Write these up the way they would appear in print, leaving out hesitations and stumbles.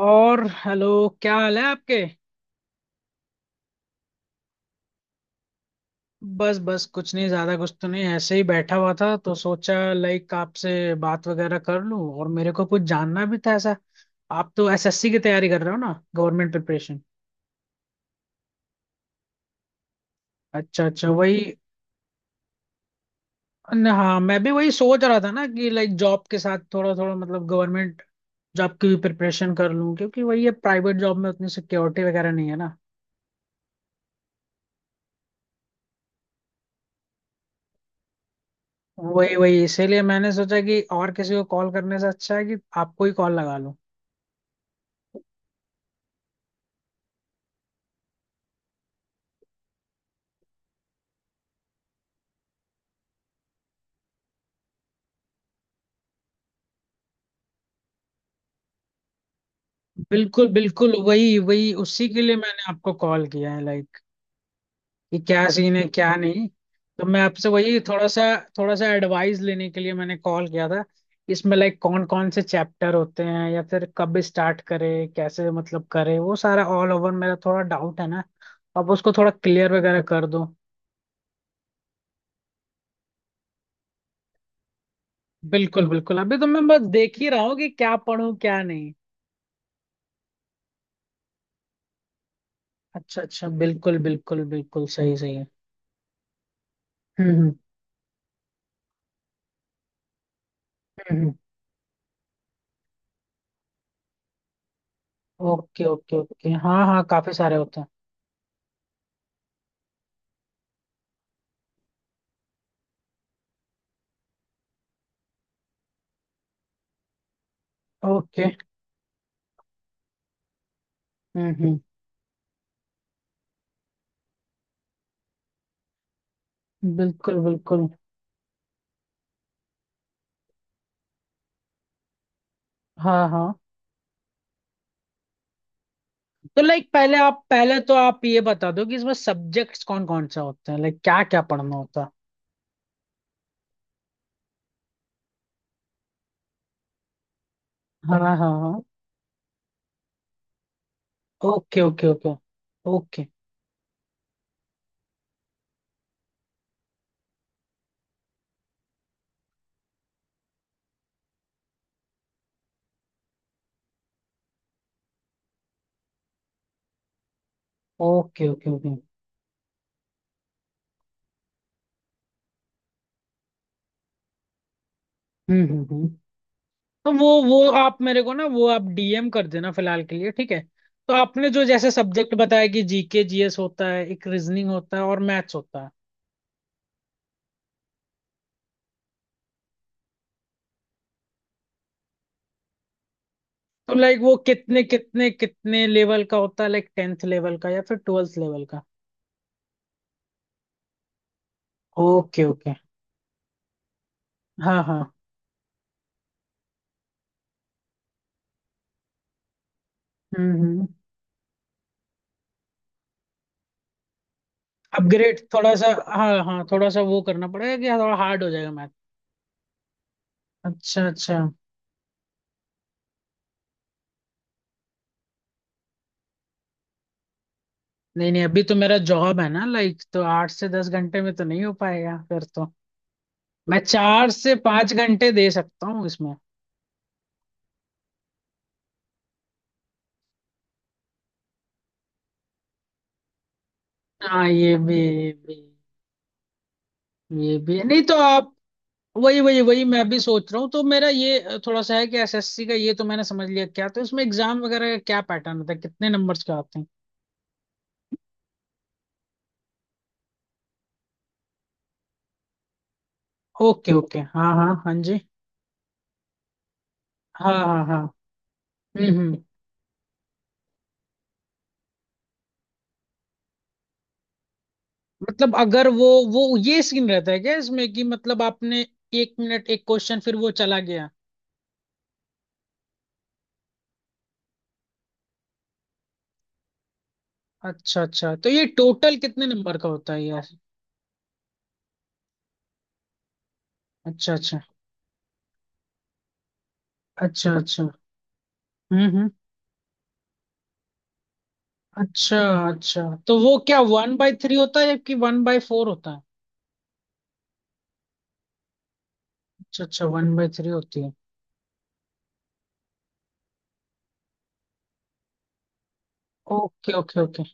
और हेलो। क्या हाल है आपके। बस बस कुछ नहीं, ज्यादा कुछ तो नहीं, ऐसे ही बैठा हुआ था तो सोचा आपसे बात वगैरह कर लूं। और मेरे को कुछ जानना भी था ऐसा। आप तो एसएससी की तैयारी कर रहे हो ना, गवर्नमेंट प्रिपरेशन। अच्छा अच्छा, वही। हाँ, मैं भी वही सोच रहा था ना कि जॉब के साथ थोड़ा थोड़ा मतलब गवर्नमेंट जॉब की भी प्रिपरेशन कर लूं, क्योंकि वही है, प्राइवेट जॉब में उतनी सिक्योरिटी वगैरह नहीं है ना। वही वही, इसीलिए मैंने सोचा कि और किसी को कॉल करने से अच्छा है कि आपको ही कॉल लगा लूं। बिल्कुल बिल्कुल, वही वही, उसी के लिए मैंने आपको कॉल किया है। कि क्या सीन है क्या नहीं। तो मैं आपसे वही थोड़ा सा एडवाइस लेने के लिए मैंने कॉल किया था। इसमें कौन कौन से चैप्टर होते हैं, या फिर कब स्टार्ट करें, कैसे मतलब करें, वो सारा ऑल ओवर मेरा थोड़ा डाउट है ना। अब उसको थोड़ा क्लियर वगैरह कर दो। बिल्कुल बिल्कुल, अभी तो मैं बस देख ही रहा हूँ कि क्या पढूं क्या नहीं। अच्छा अच्छा, बिल्कुल बिल्कुल बिल्कुल, सही सही है। हम्म हम्म हम्म। ओके ओके ओके, हाँ हाँ, काफी सारे होते हैं। ओके। हम्म। बिल्कुल बिल्कुल। हाँ हाँ। तो पहले तो आप ये बता दो कि इसमें सब्जेक्ट्स कौन कौन से होते हैं, क्या क्या पढ़ना होता है। हाँ हाँ हाँ। Okay okay okay. Okay okay okay okay. हम्म हम्म हम्म। तो वो आप मेरे को ना, वो आप डीएम कर देना फिलहाल के लिए, ठीक है। तो आपने जो जैसे सब्जेक्ट बताया, कि जीके जीएस होता है, एक रीजनिंग होता है और मैथ्स होता है। तो वो कितने कितने कितने लेवल का होता है? टेंथ लेवल का या फिर ट्वेल्थ लेवल का? Okay okay. हाँ हाँ। हम्म। अपग्रेड थोड़ा सा। हाँ हाँ, थोड़ा सा वो करना पड़ेगा कि थोड़ा हार्ड हो जाएगा मैथ। अच्छा अच्छा। नहीं नहीं, अभी तो मेरा जॉब है ना तो 8 से 10 घंटे में तो नहीं हो पाएगा फिर तो। मैं 4 से 5 घंटे दे सकता हूँ इसमें। हाँ, ये भी, ये भी, ये भी है। नहीं तो आप, वही वही वही, मैं भी सोच रहा हूँ। तो मेरा ये थोड़ा सा है कि एसएससी का ये तो मैंने समझ लिया, क्या तो इसमें एग्जाम वगैरह का क्या पैटर्न होता है, कितने नंबर्स का आते हैं। ओके ओके, हाँ हाँ हाँ जी। हाँ हाँ हाँ। हम्म। मतलब अगर वो ये सीन रहता है क्या इसमें कि मतलब आपने 1 मिनट 1 क्वेश्चन, फिर वो चला गया। अच्छा अच्छा, तो ये टोटल कितने नंबर का होता है यार। अच्छा अच्छा अच्छा अच्छा। हम्म। अच्छा अच्छा। तो वो क्या 1/3 होता है या कि 1/4 होता है? अच्छा अच्छा, 1/3 होती है। Okay okay okay.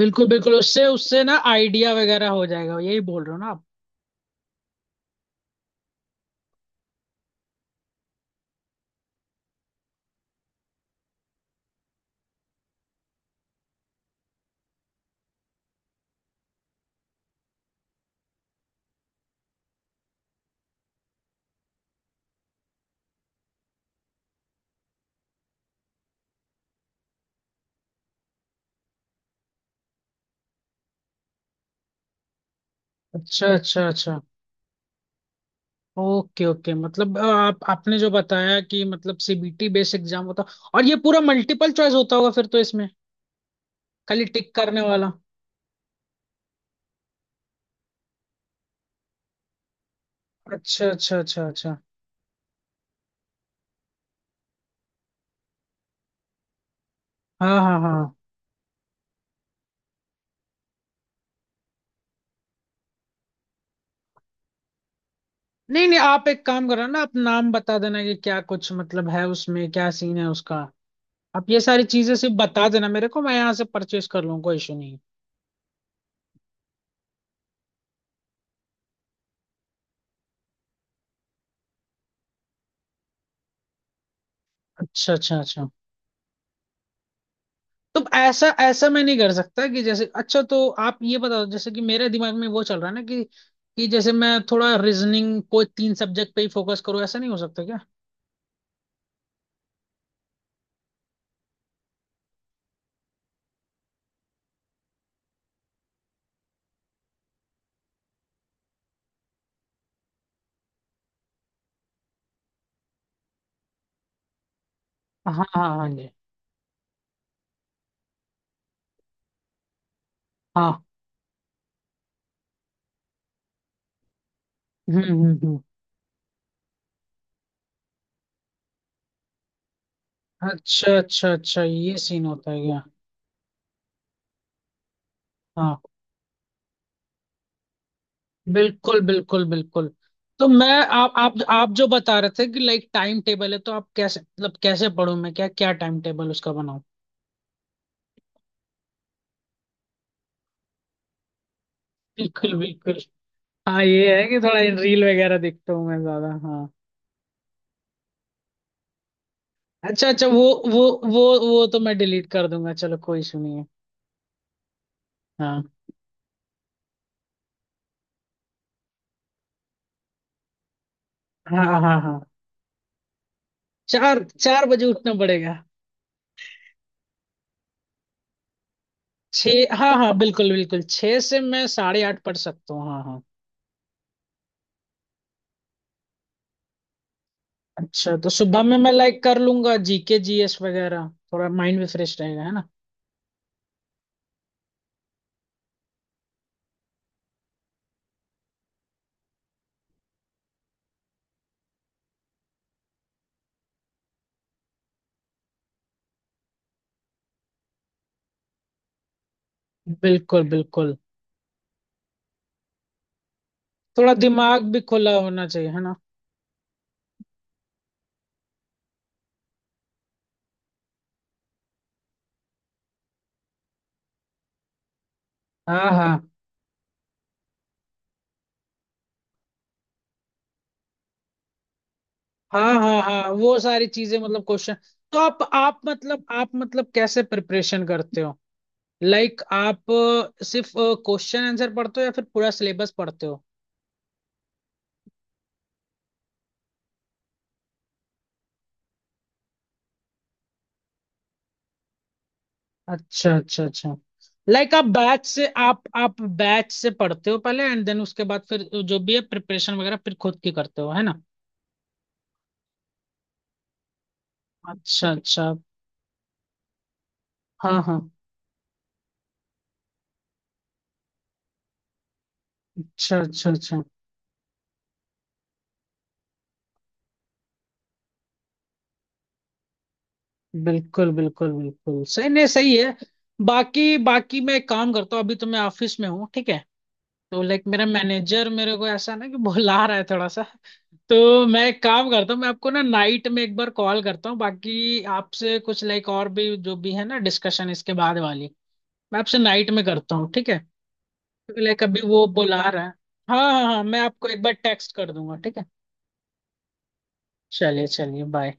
बिल्कुल बिल्कुल, उससे उससे ना आइडिया वगैरह हो जाएगा, यही बोल रहे हो ना आप। अच्छा अच्छा अच्छा। ओके ओके, मतलब आप आपने जो बताया कि मतलब सीबीटी बेस एग्जाम होता, और ये पूरा मल्टीपल चॉइस होता होगा फिर तो इसमें, खाली टिक करने वाला। अच्छा अच्छा अच्छा अच्छा। हाँ हाँ हाँ। नहीं नहीं, आप एक काम करो ना, आप नाम बता देना कि क्या कुछ मतलब है उसमें, क्या सीन है उसका। आप ये सारी चीजें सिर्फ बता देना मेरे को, मैं यहाँ से परचेस कर लूँ, कोई इशू नहीं है। अच्छा अच्छा अच्छा। तो ऐसा ऐसा मैं नहीं कर सकता कि जैसे, अच्छा तो आप ये बताओ, जैसे कि मेरे दिमाग में वो चल रहा है ना कि जैसे मैं थोड़ा रीजनिंग, कोई 3 सब्जेक्ट पे ही फोकस करूँ, ऐसा नहीं हो सकता क्या। हाँ हाँ हाँ जी। हाँ। हम्म। अच्छा अच्छा अच्छा, ये सीन होता है क्या। हाँ, बिल्कुल बिल्कुल बिल्कुल। तो मैं, आप जो बता रहे थे कि टाइम टेबल है, तो आप कैसे, मतलब कैसे पढूं मैं, क्या क्या टाइम टेबल उसका बनाऊं। बिल्कुल बिल्कुल। हाँ ये है कि थोड़ा रील वगैरह देखता हूँ मैं ज्यादा, हाँ। अच्छा अच्छा, वो वो वो तो मैं डिलीट कर दूंगा, चलो कोई इशू नहीं है। हाँ हाँ हाँ। हाँ, चार चार बजे उठना पड़ेगा। छः, हाँ हाँ, बिल्कुल बिल्कुल, 6 से मैं साढ़े 8 पढ़ सकता हूँ, हाँ हाँ। अच्छा, तो सुबह में मैं कर लूंगा जीके जीएस वगैरह, थोड़ा माइंड भी फ्रेश रहेगा है ना। बिल्कुल बिल्कुल। थोड़ा दिमाग भी खुला होना चाहिए है ना। हाँ हाँ हाँ। हाँ हाँ, वो सारी चीजें, मतलब क्वेश्चन। तो आप मतलब कैसे प्रिपरेशन करते हो? आप सिर्फ क्वेश्चन आंसर पढ़ते हो या फिर पूरा सिलेबस पढ़ते हो? अच्छा अच्छा अच्छा। आप बैच से पढ़ते हो पहले एंड देन उसके बाद, फिर जो भी है प्रिपरेशन वगैरह फिर खुद की करते हो है ना। अच्छा अच्छा। हाँ हाँ। अच्छा अच्छा अच्छा। बिल्कुल बिल्कुल बिल्कुल, सही, नहीं सही है। बाकी बाकी मैं एक काम करता हूँ, अभी तो मैं ऑफिस में हूँ ठीक है। तो मेरा मैनेजर मेरे को ऐसा ना कि बुला रहा है थोड़ा सा। तो मैं एक काम करता हूँ, मैं आपको ना नाइट में 1 बार कॉल करता हूँ, बाकी आपसे कुछ और भी जो भी है ना डिस्कशन, इसके बाद वाली मैं आपसे नाइट में करता हूँ, ठीक है। क्योंकि अभी वो बुला रहा है। हाँ हाँ हाँ, मैं आपको 1 बार टेक्स्ट कर दूंगा, ठीक है। चलिए चलिए, बाय।